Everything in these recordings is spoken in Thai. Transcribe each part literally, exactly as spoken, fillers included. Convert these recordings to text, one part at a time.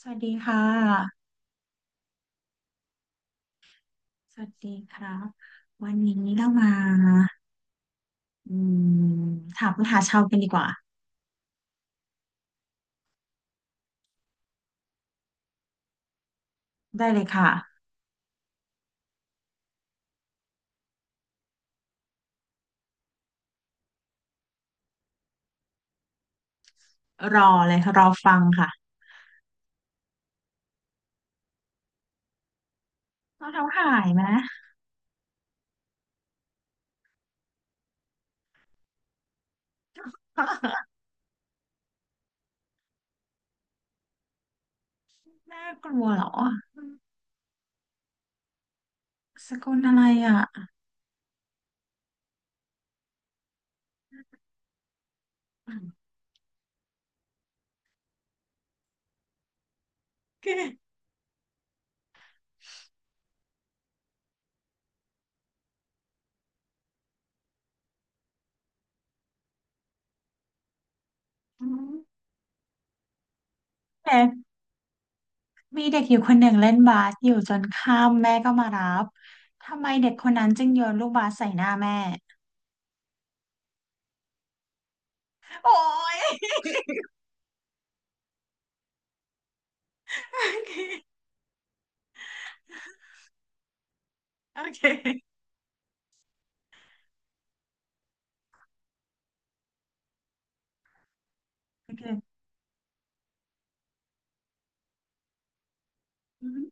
สวัสดีค่ะสวัสดีครับ วันนี้เรามาอืมถามปัญหาชาวกันดีกว่าได้เลยค่ะรอเลยรอฟังค่ะรองเท้าหายไหม น่ากลัวเหรอสกุลอะไรอ่ะเด็ มีเด็กอยู่คนหนึ่งเล่นบาสอยู่จนข้ามแม่ก็มารับทำไมเด็กคนนั้นจึงโยนลูกบาสใส่หน้าแม่โอ้ย โอเคโอเคโอเคอืม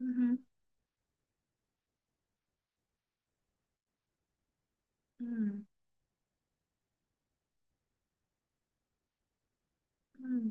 อหืมออืม อืม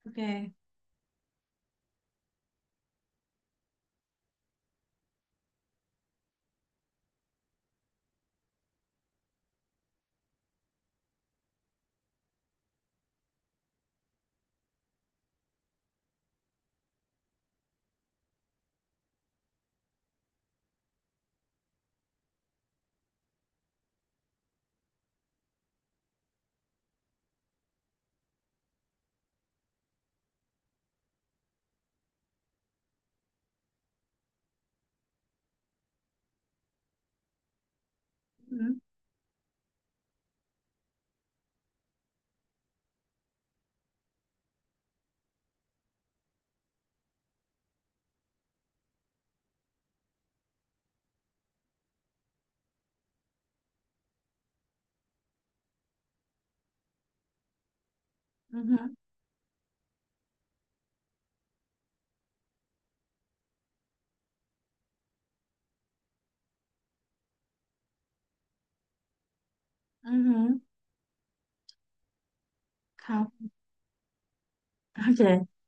โอเคอืมอืมอืมอืมครับโอเค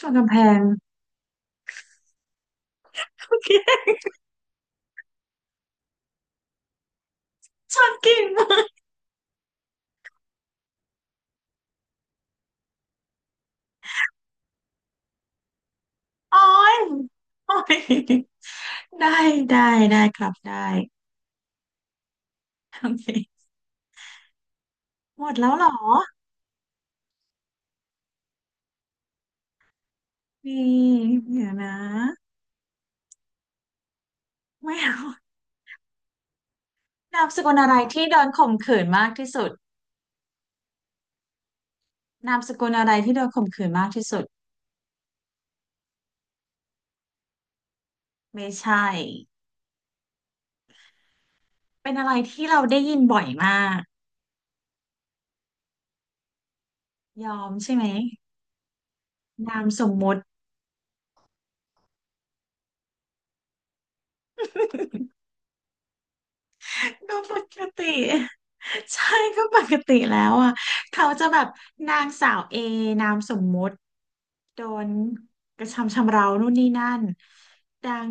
ชนกำแพงโอเคชนกิ่งโอ้ยโอ้ยได้ได้ได้ครับได้โอเคหมดแล้วเหรอนี่เดี๋ยวนะไม่เอานามสกุลอะไรที่โดนข่มขืนมากที่สุดนามสกุลอะไรที่โดนข่มขืนมากที่สุดไม่ใช่เป็นอะไรที่เราได้ยินบ่อยมากยอมใช่ไหมนามสมมุติ ก็ปกติ ใช่ก็ปกติแล้วอ่ะเขาจะแบบนางสาวเอนามสมมุติโดนกระทำชำเรานู่นนี่นั่นนาง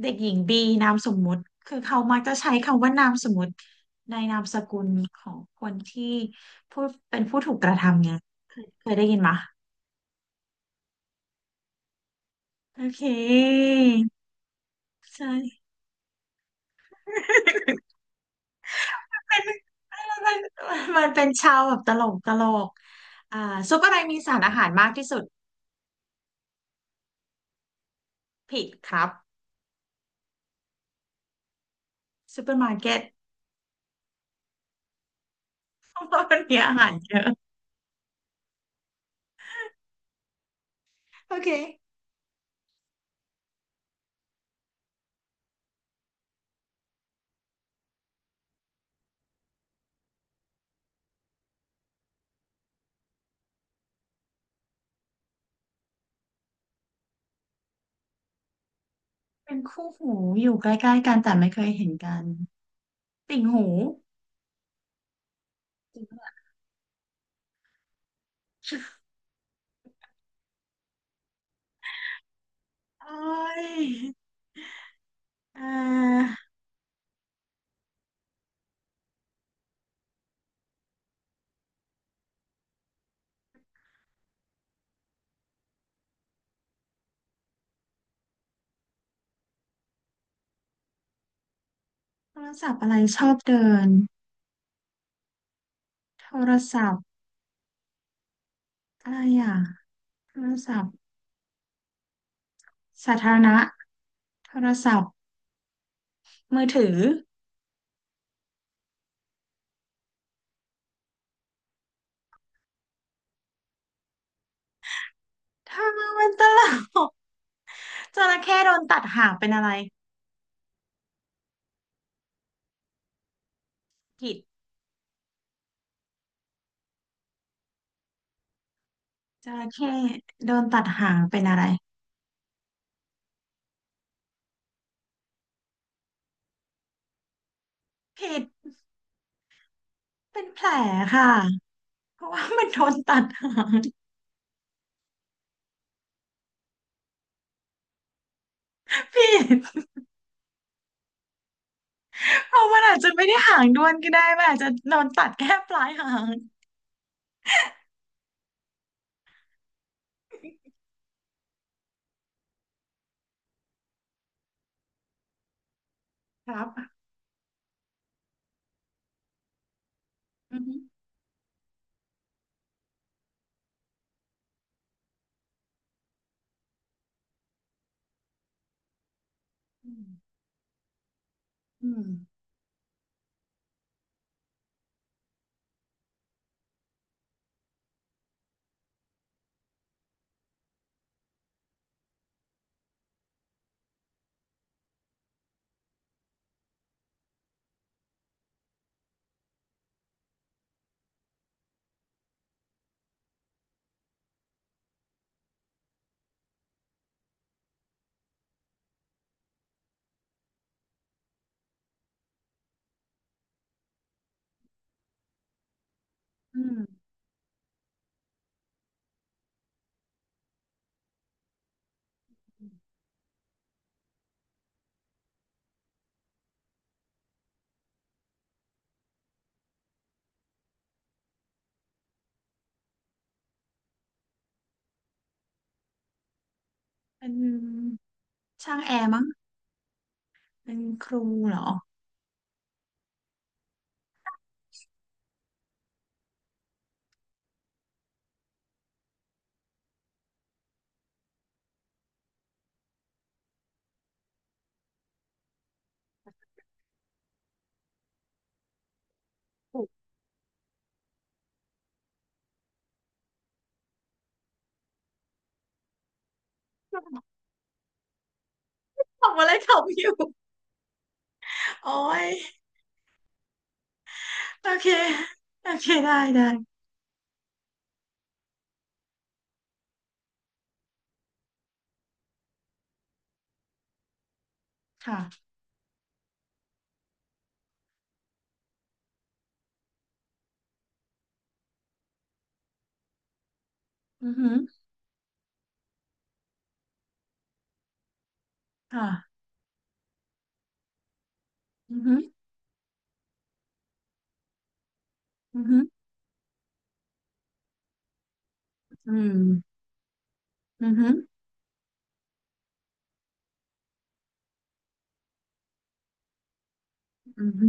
เด็กหญิงบีนามสมมุติคือเขามักจะใช้คำว่านามสมมุติในนามสกุลของคนที่ผู้เป็นผู้ถูกกระทำไงเคยเคยได้ยินมะโอเคใช่ เป็นมันมัน มันเป็นชาวแบบตลกตลกอ่าซุปอะไรมีสารอาหารมากที่สุดผิดครับซูเปอร์มาร์เก็ตเพราะว่ามันมีอาหารเยอะโอเคเป็นคู่หูอยู่ใกล้ๆกันแต่ไม่เคยเห็นกันติ่งหูจริงปะล่ะโอ้ยเอ่าโทรศัพท์อะไรชอบเดินโทรศัพท์อะไรอ่ะโทรศัพท์สาธารณะโทรศัพท์มือถือถ้ามันตลกจระเข้โดนตัดหางเป็นอะไร ผิดจระเข้โดนตัดหางเป็นอะไรผิดเป็นแผลค่ะเพราะว่ามันโดนตัดหางผิดเพราะมันอาจจะไม่ได้หางด้วนก็ได้มันอาจจะโดนตัดแค่ปลายหางครับอือฮึอืมอืมอืมเป็นช่างแอร์มั้งเป็นครูเหรอทำอะไรทำอยู่โอ้ยโอเคโอเคได้ได้ค่ะอือฮึค่ะอือฮึอือฮึอืมอือฮึอือฮึ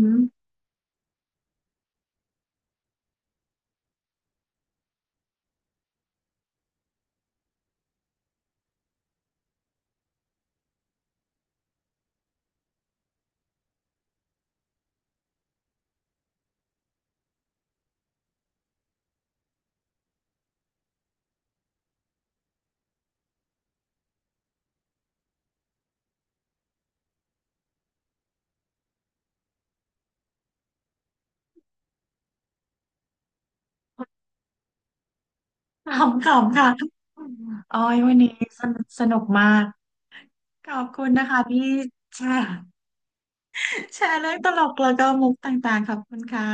ขำขำค่ะโอ้ยวันนี้สนุกสนุกมาก ขอบคุณนะคะพี่แชร์แชร์เรื่องตลกแล้วก็มุกต่างๆขอบคุณค่ะ